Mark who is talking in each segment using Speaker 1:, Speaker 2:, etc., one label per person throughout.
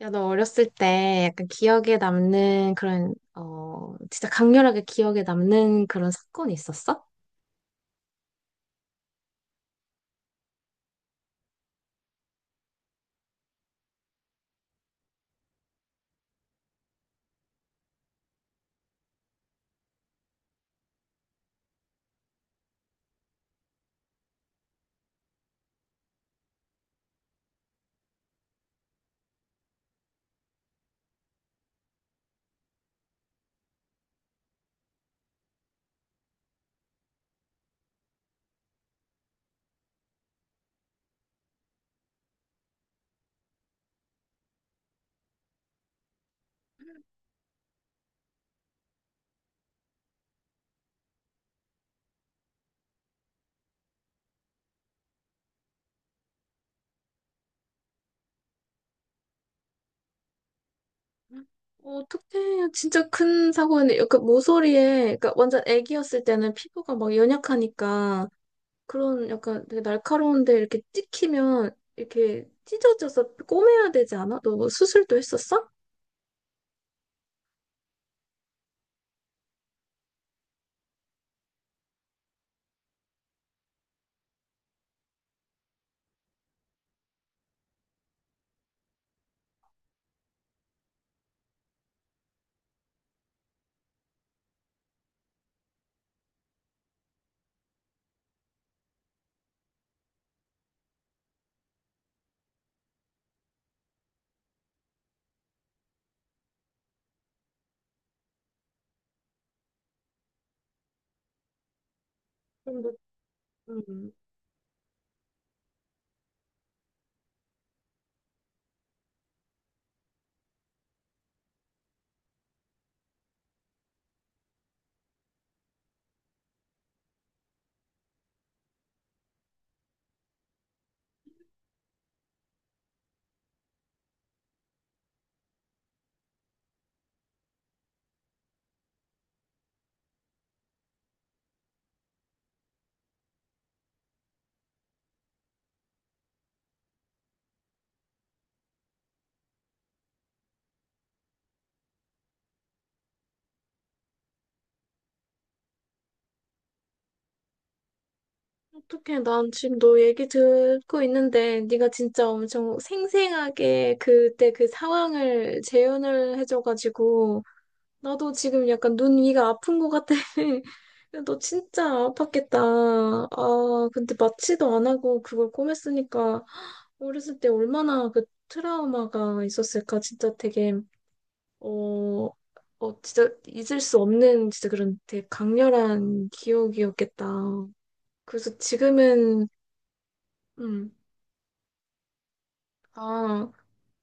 Speaker 1: 야, 너 어렸을 때 약간 기억에 남는 진짜 강렬하게 기억에 남는 그런 사건이 있었어? 어, 어떡해. 진짜 큰 사고였네. 그 모서리에, 그러니까 완전 애기였을 때는 피부가 막 연약하니까 그런 약간 되게 날카로운데 이렇게 찍히면 이렇게 찢어져서 꼬매야 되지 않아? 너뭐 수술도 했었어? 근데, 음, 어떡해. 난 지금 너 얘기 듣고 있는데 네가 진짜 엄청 생생하게 그때 그 상황을 재현을 해줘가지고 나도 지금 약간 눈 위가 아픈 것 같아. 너 진짜 아팠겠다. 아, 근데 마취도 안 하고 그걸 꿰맸으니까 어렸을 때 얼마나 그 트라우마가 있었을까. 진짜 되게, 어, 어, 진짜 잊을 수 없는 진짜 그런 되게 강렬한 기억이었겠다. 그래서 지금은, 음, 아,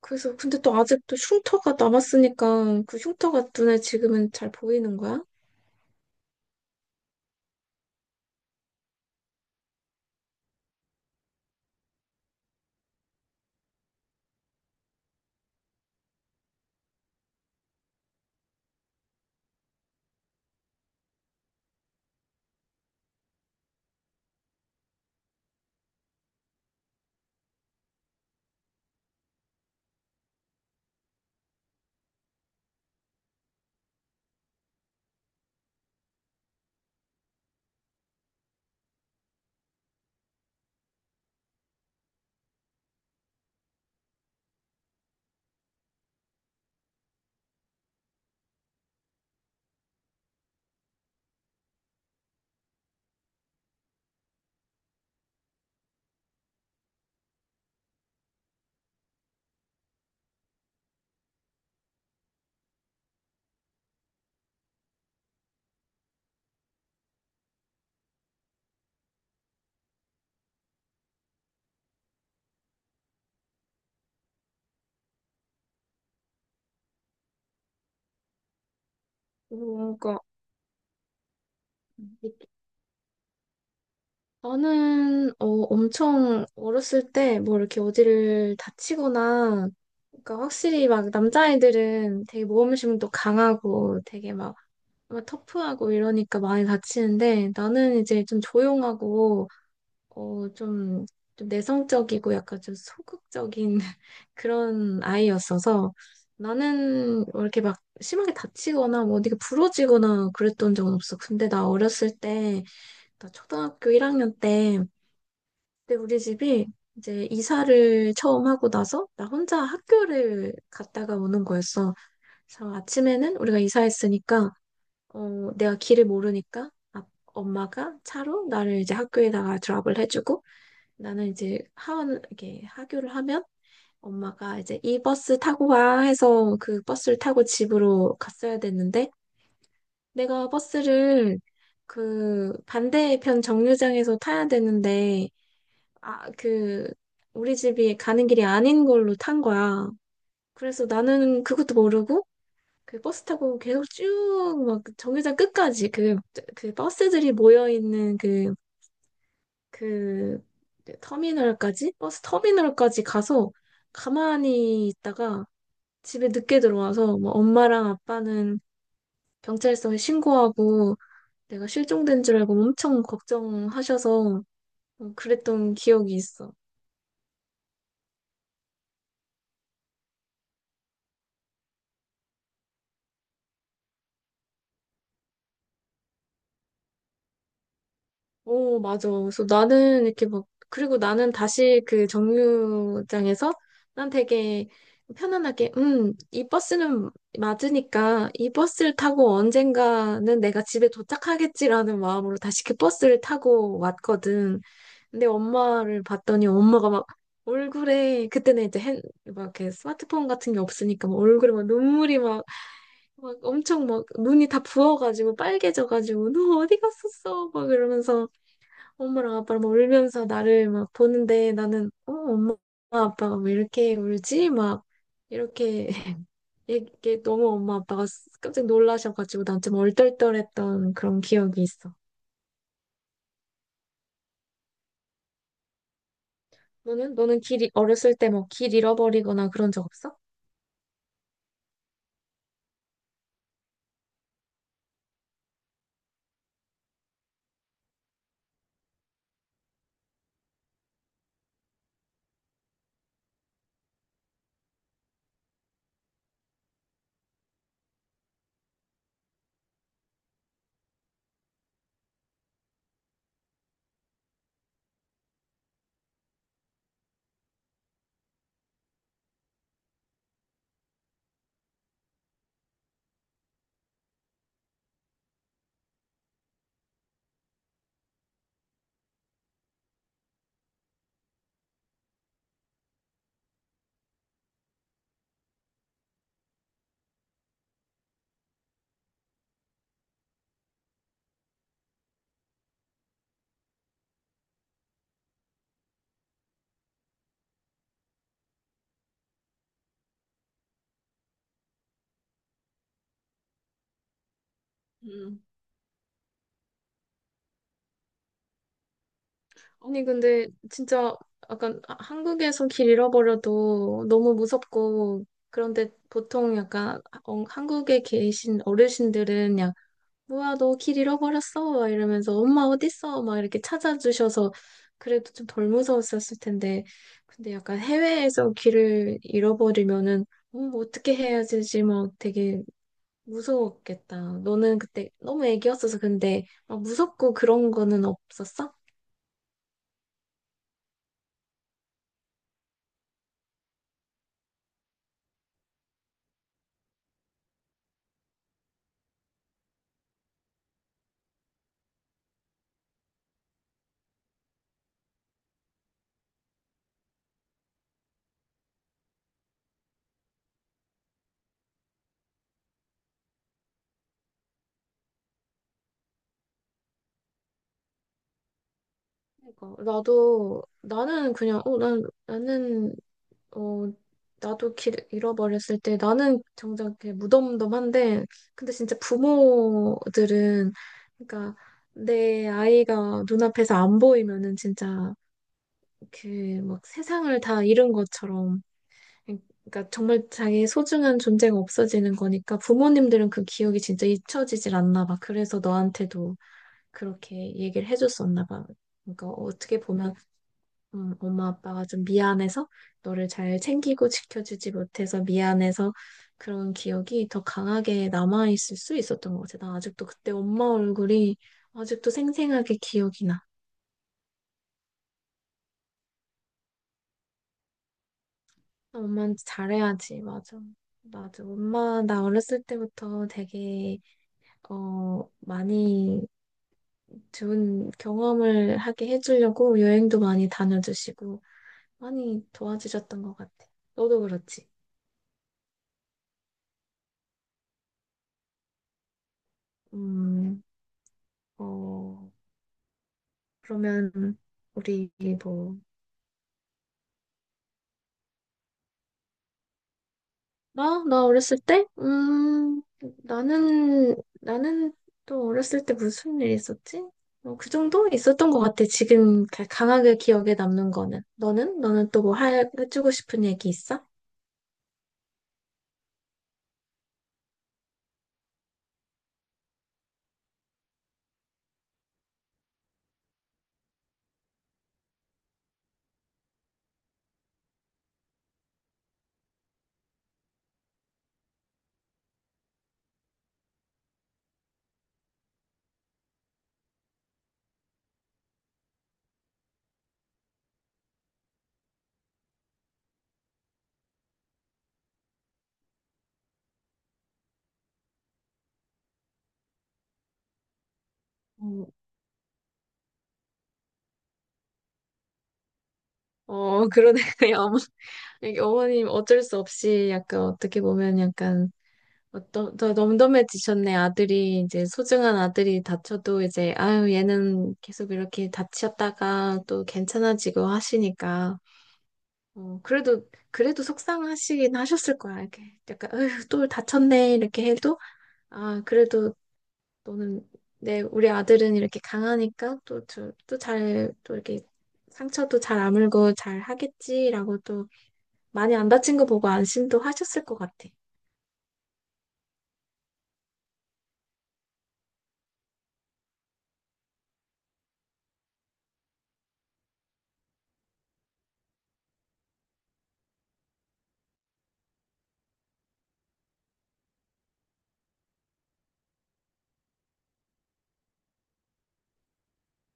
Speaker 1: 그래서 근데 또 아직도 흉터가 남았으니까 그 흉터가 눈에 지금은 잘 보이는 거야? 어, 그러니까 저는 엄청 어렸을 때 뭐 이렇게 어디를 다치거나 그러니까 확실히 막 남자아이들은 되게 모험심도 강하고 되게 막, 막 터프하고 이러니까 많이 다치는데 나는 이제 좀 조용하고 어, 좀, 좀 내성적이고 약간 좀 소극적인 그런 아이였어서 나는 뭐 이렇게 막 심하게 다치거나 뭐 어디가 부러지거나 그랬던 적은 없어. 근데 나 어렸을 때 나 초등학교 1학년 때 근데 우리 집이 이제 이사를 처음 하고 나서 나 혼자 학교를 갔다가 오는 거였어. 그래서 아침에는 우리가 이사했으니까 어, 내가 길을 모르니까 엄마가 차로 나를 이제 학교에다가 드랍을 해주고 나는 이제 하원 이렇게 하교를 하면 엄마가 이제 이 버스 타고 와 해서 그 버스를 타고 집으로 갔어야 됐는데 내가 버스를 그 반대편 정류장에서 타야 되는데 아, 그, 우리 집이 가는 길이 아닌 걸로 탄 거야. 그래서 나는 그것도 모르고, 그 버스 타고 계속 쭉, 막, 정류장 끝까지, 그, 그 버스들이 모여있는 그, 그, 터미널까지? 버스 터미널까지 가서 가만히 있다가 집에 늦게 들어와서, 뭐, 엄마랑 아빠는 경찰서에 신고하고, 내가 실종된 줄 알고 엄청 걱정하셔서, 어, 그랬던 기억이 있어. 어, 맞아. 그래서 나는 이렇게 막, 그리고 나는 다시 그 정류장에서 난 되게 편안하게, 이 버스는 맞으니까 이 버스를 타고 언젠가는 내가 집에 도착하겠지라는 마음으로 다시 그 버스를 타고 왔거든. 근데 엄마를 봤더니 엄마가 막 얼굴에, 그때는 막 이렇게 스마트폰 같은 게 없으니까 막 얼굴에 막 눈물이 막, 막 엄청 막 눈이 다 부어가지고 빨개져가지고 너 어디 갔었어? 막 이러면서 엄마랑 아빠랑 막 울면서 나를 막 보는데 나는 어 엄마 아빠가 왜 이렇게 울지? 막 이렇게 이게 너무 엄마 아빠가 깜짝 놀라셔가지고 난 좀 얼떨떨했던 그런 기억이 있어. 너는? 너는 어렸을 때 뭐 길 잃어버리거나 그런 적 없어? 음. 아니, 근데 진짜 약간 한국에서 길 잃어버려도 너무 무섭고, 그런데 보통 약간 어, 한국에 계신 어르신들은 뭐야, 너 길 잃어버렸어? 막 이러면서, 엄마 어딨어? 막 이렇게 찾아주셔서, 그래도 좀 덜 무서웠었을 텐데, 근데 약간 해외에서 길을 잃어버리면은, 어떻게 해야 되지? 막 되게 무서웠겠다. 너는 그때 너무 애기였어서 근데, 막 무섭고 그런 거는 없었어? 그러니까, 나도, 나는 그냥, 어, 난, 나는 어, 나도 길 잃어버렸을 때 나는 정작 이렇게 무덤덤한데, 근데 진짜 부모들은, 그러니까 내 아이가 눈앞에서 안 보이면은 진짜 그 막 세상을 다 잃은 것처럼, 그러니까 정말 자기의 소중한 존재가 없어지는 거니까 부모님들은 그 기억이 진짜 잊혀지질 않나 봐. 그래서 너한테도 그렇게 얘기를 해줬었나 봐. 그러니까 어떻게 보면 엄마 아빠가 좀 미안해서 너를 잘 챙기고 지켜주지 못해서 미안해서 그런 기억이 더 강하게 남아있을 수 있었던 것 같아. 나 아직도 그때 엄마 얼굴이 아직도 생생하게 기억이 나. 나 엄마한테 잘해야지. 맞아. 맞아. 엄마, 나 어렸을 때부터 되게, 어, 많이 좋은 경험을 하게 해주려고 여행도 많이 다녀주시고 많이 도와주셨던 것 같아. 너도 그렇지. 음, 어. 그러면 우리 뭐 나? 나 어렸을 때? 나는 또 어렸을 때 무슨 일 있었지? 어, 그 정도 있었던 것 같아. 지금 강하게 기억에 남는 거는. 너는? 너는 또 뭐 해주고 싶은 얘기 있어? 어, 어, 그러네. 어머, 여기 어머님 어쩔 수 없이 약간 어떻게 보면 약간 어, 너 덤덤해지셨네. 아들이, 이제 소중한 아들이 다쳐도 이제, 아유, 얘는 계속 이렇게 다치셨다가 또 괜찮아지고 하시니까. 어, 그래도, 그래도 속상하시긴 하셨을 거야. 이렇게 약간, 아유, 또 다쳤네. 이렇게 해도, 아, 그래도 너는, 내, 우리 아들은 이렇게 강하니까 또, 저, 또 잘, 또 이렇게 상처도 잘 아물고 잘 하겠지라고 또 많이 안 다친 거 보고 안심도 하셨을 것 같아.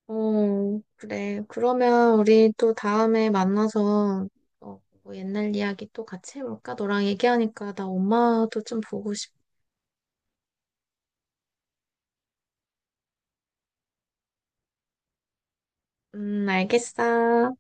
Speaker 1: 어, 그래. 그러면 우리 또 다음에 만나서 어, 뭐 옛날 이야기 또 같이 해볼까? 너랑 얘기하니까 나 엄마도 좀 보고 싶. 알겠어.